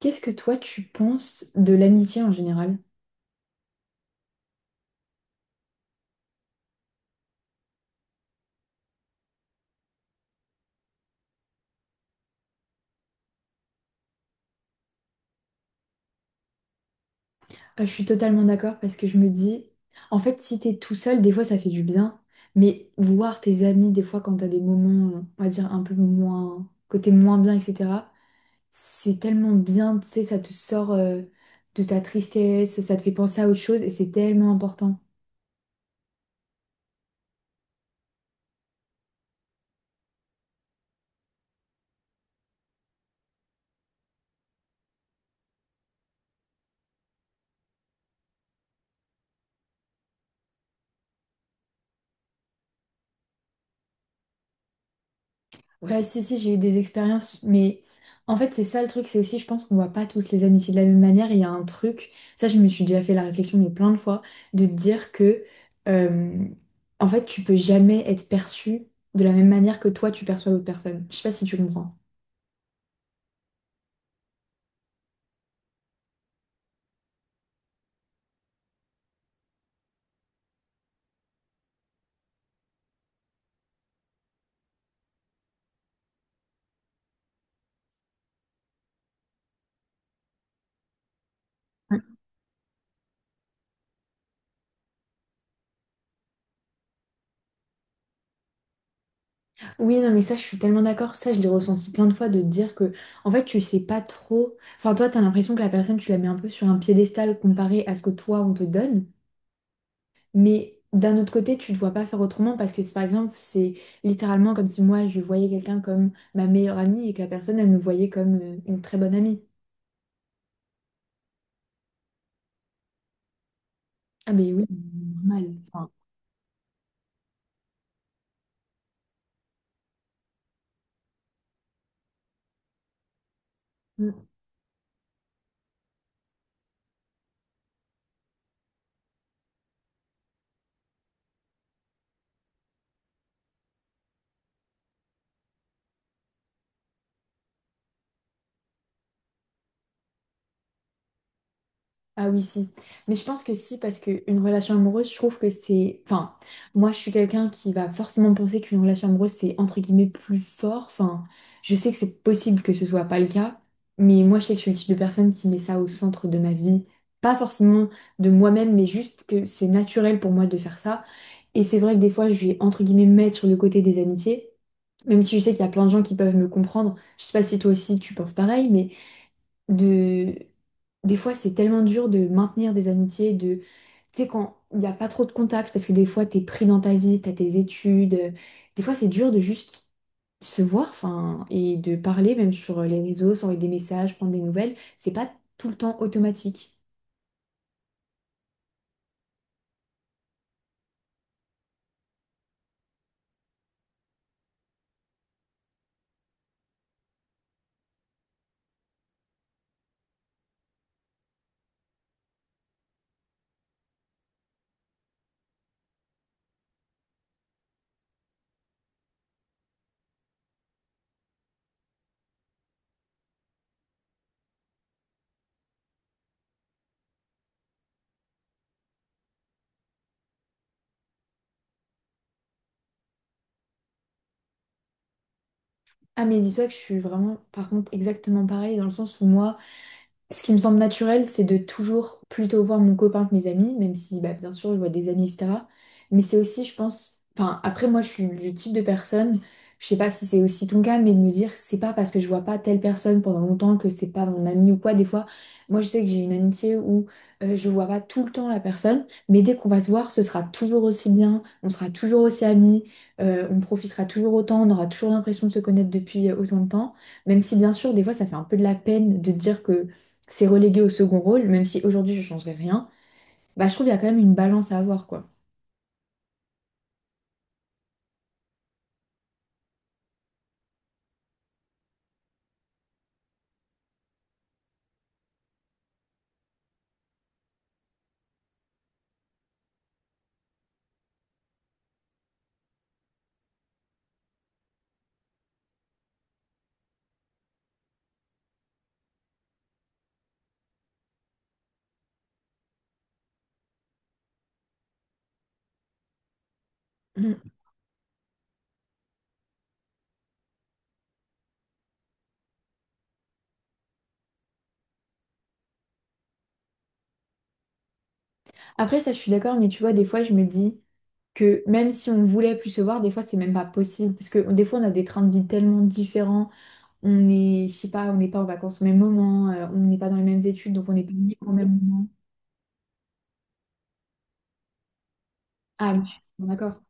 Qu'est-ce que toi tu penses de l'amitié en général? Je suis totalement d'accord parce que je me dis, en fait, si t'es tout seul, des fois ça fait du bien, mais voir tes amis, des fois quand t'as des moments, on va dire, un peu moins, côté moins bien, etc., c'est tellement bien, tu sais, ça te sort de ta tristesse, ça te fait penser à autre chose et c'est tellement important. Ouais, si, si, j'ai eu des expériences, mais en fait, c'est ça le truc, c'est aussi, je pense qu'on voit pas tous les amitiés de la même manière. Il y a un truc, ça, je me suis déjà fait la réflexion, mais plein de fois, de te dire que, euh, en fait, tu peux jamais être perçu de la même manière que toi, tu perçois l'autre personne. Je sais pas si tu comprends. Ouais. Oui, non, mais ça, je suis tellement d'accord. Ça, je l'ai ressenti plein de fois de te dire que, en fait, tu sais pas trop. Enfin, toi, t'as l'impression que la personne, tu la mets un peu sur un piédestal comparé à ce que toi, on te donne. Mais d'un autre côté, tu ne te vois pas faire autrement parce que, si, par exemple, c'est littéralement comme si moi, je voyais quelqu'un comme ma meilleure amie et que la personne, elle me voyait comme une très bonne amie. Ah, mais oui, normal. Enfin, ah oui, si. Mais je pense que si, parce qu'une relation amoureuse, je trouve que c'est... Enfin, moi, je suis quelqu'un qui va forcément penser qu'une relation amoureuse, c'est entre guillemets plus fort. Enfin, je sais que c'est possible que ce soit pas le cas, mais moi, je sais que je suis le type de personne qui met ça au centre de ma vie. Pas forcément de moi-même, mais juste que c'est naturel pour moi de faire ça. Et c'est vrai que des fois, je vais entre guillemets mettre sur le côté des amitiés, même si je sais qu'il y a plein de gens qui peuvent me comprendre. Je sais pas si toi aussi tu penses pareil, mais de des fois c'est tellement dur de maintenir des amitiés de tu sais quand il n'y a pas trop de contacts parce que des fois t'es pris dans ta vie t'as tes études des fois c'est dur de juste se voir enfin et de parler même sur les réseaux s'envoyer des messages prendre des nouvelles c'est pas tout le temps automatique. Ah mais dis-toi que je suis vraiment par contre exactement pareil dans le sens où moi, ce qui me semble naturel, c'est de toujours plutôt voir mon copain que mes amis, même si bah, bien sûr je vois des amis, etc. Mais c'est aussi, je pense, enfin après moi je suis le type de personne, je sais pas si c'est aussi ton cas, mais de me dire c'est pas parce que je vois pas telle personne pendant longtemps que c'est pas mon ami ou quoi. Des fois, moi je sais que j'ai une amitié où je vois pas tout le temps la personne, mais dès qu'on va se voir, ce sera toujours aussi bien, on sera toujours aussi amis, on profitera toujours autant, on aura toujours l'impression de se connaître depuis autant de temps. Même si bien sûr, des fois, ça fait un peu de la peine de dire que c'est relégué au second rôle, même si aujourd'hui je changerais rien, bah je trouve qu'il y a quand même une balance à avoir, quoi. Mm. Après, ça, je suis d'accord, mais tu vois, des fois, je me dis que même si on voulait plus se voir, des fois, c'est même pas possible, parce que des fois, on a des trains de vie tellement différents, on est, je sais pas, on n'est pas en vacances au même moment, on n'est pas dans les mêmes études, donc on n'est pas libre au même moment. Ah, mais je suis totalement d'accord.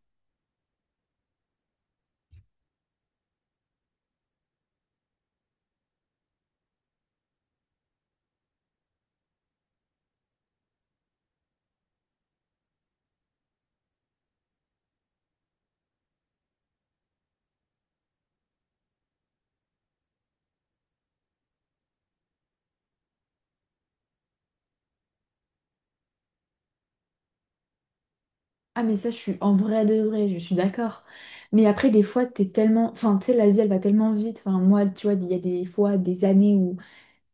Ah, mais ça, je suis en vrai de vrai, je suis d'accord. Mais après, des fois, t'es tellement. Enfin, tu sais, la vie, elle va tellement vite. Enfin, moi, tu vois, il y a des fois, des années où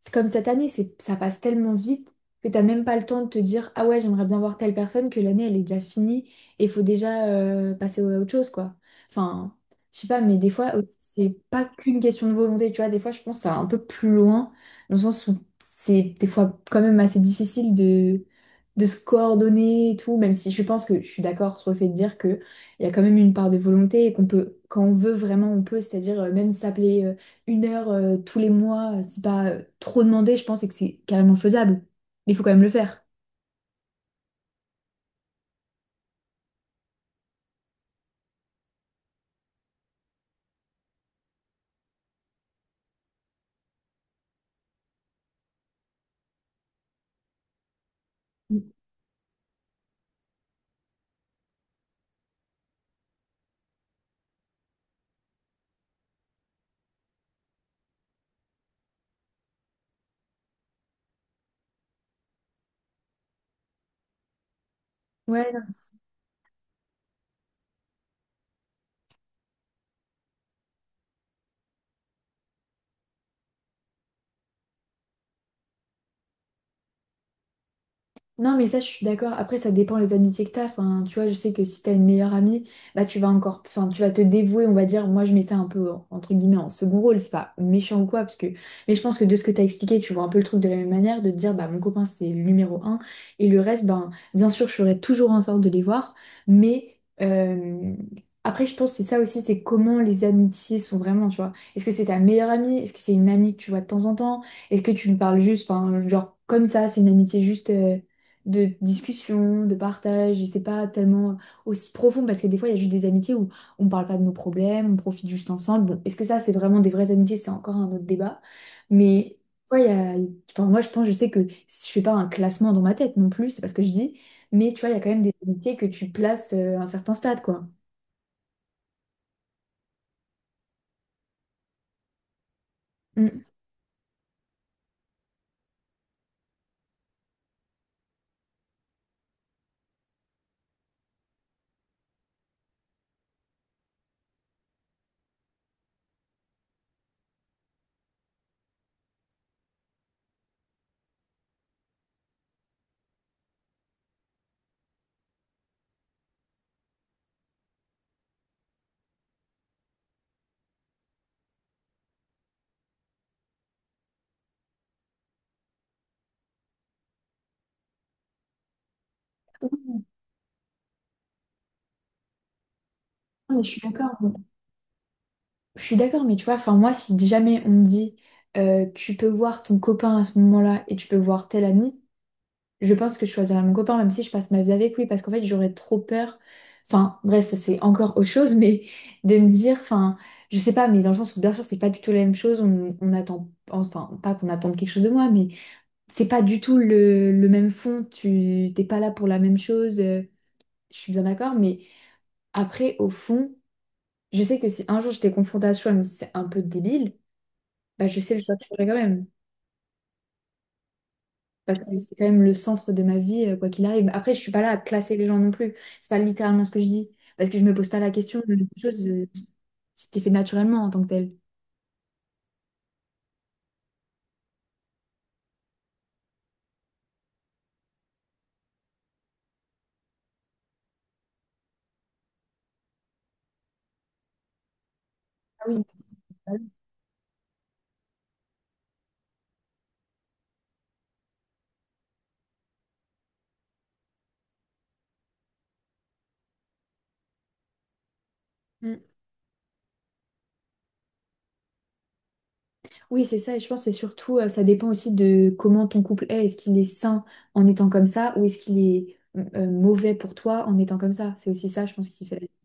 c'est comme cette année, c'est, ça passe tellement vite que t'as même pas le temps de te dire, ah ouais, j'aimerais bien voir telle personne, que l'année, elle est déjà finie et il faut déjà passer à autre chose, quoi. Enfin, je sais pas, mais des fois, aussi, c'est pas qu'une question de volonté, tu vois. Des fois, je pense que ça va un peu plus loin, dans le sens où c'est des fois quand même assez difficile de se coordonner et tout, même si je pense que je suis d'accord sur le fait de dire que il y a quand même une part de volonté et qu'on peut, quand on veut vraiment, on peut, c'est-à-dire même s'appeler. Une heure tous les mois, c'est pas trop demandé, je pense, et que c'est carrément faisable. Mais il faut quand même le faire. Mm. Ouais, non, non, mais ça, je suis d'accord. Après, ça dépend les amitiés que t'as. Enfin, tu vois, je sais que si t'as une meilleure amie, bah, tu vas encore, enfin, tu vas te dévouer, on va dire. Moi, je mets ça un peu, en- entre guillemets, en second rôle. C'est pas méchant ou quoi, parce que, mais je pense que de ce que t'as expliqué, tu vois un peu le truc de la même manière, de te dire, bah, mon copain, c'est le numéro un. Et le reste, ben, bien sûr, je ferai toujours en sorte de les voir. Mais, après, je pense que c'est ça aussi, c'est comment les amitiés sont vraiment, tu vois. Est-ce que c'est ta meilleure amie? Est-ce que c'est une amie que tu vois de temps en temps? Est-ce que tu lui parles juste, enfin, genre, comme ça, c'est une amitié juste. De discussion, de partage, et c'est pas tellement aussi profond parce que des fois il y a juste des amitiés où on parle pas de nos problèmes, on profite juste ensemble. Bon, est-ce que ça c'est vraiment des vraies amitiés? C'est encore un autre débat. Mais ouais, il y a... enfin, moi je pense, je sais que je fais pas un classement dans ma tête non plus, c'est pas ce que je dis, mais tu vois, il y a quand même des amitiés que tu places à un certain stade, quoi. Mm. Oui, non, mais je suis d'accord, mais je suis d'accord, mais tu vois, enfin moi, si jamais on me dit tu peux voir ton copain à ce moment-là et tu peux voir tel ami, je pense que je choisirais mon copain, même si je passe ma vie avec lui, parce qu'en fait, j'aurais trop peur. Enfin, bref, ça c'est encore autre chose, mais de me dire, enfin, je sais pas, mais dans le sens où bien sûr, c'est pas du tout la même chose. On attend, enfin, pas qu'on attende quelque chose de moi, mais c'est pas du tout le même fond. Tu t'es pas là pour la même chose. Je suis bien d'accord, mais après, au fond, je sais que si un jour j'étais confrontée à ce choix, mais c'est un peu débile, bah je sais le choix que je ferais quand même. Parce que c'est quand même le centre de ma vie, quoi qu'il arrive. Après, je suis pas là à classer les gens non plus. C'est pas littéralement ce que je dis. Parce que je me pose pas la question de choses ce qui est fait naturellement en tant que tel. Ah oui. Bah oui. Mm. Oui, c'est ça. Et je pense que c'est surtout, ça dépend aussi de comment ton couple est. Est-ce qu'il est sain en étant comme ça ou est-ce qu'il est mauvais pour toi en étant comme ça? C'est aussi ça, je pense, qui fait la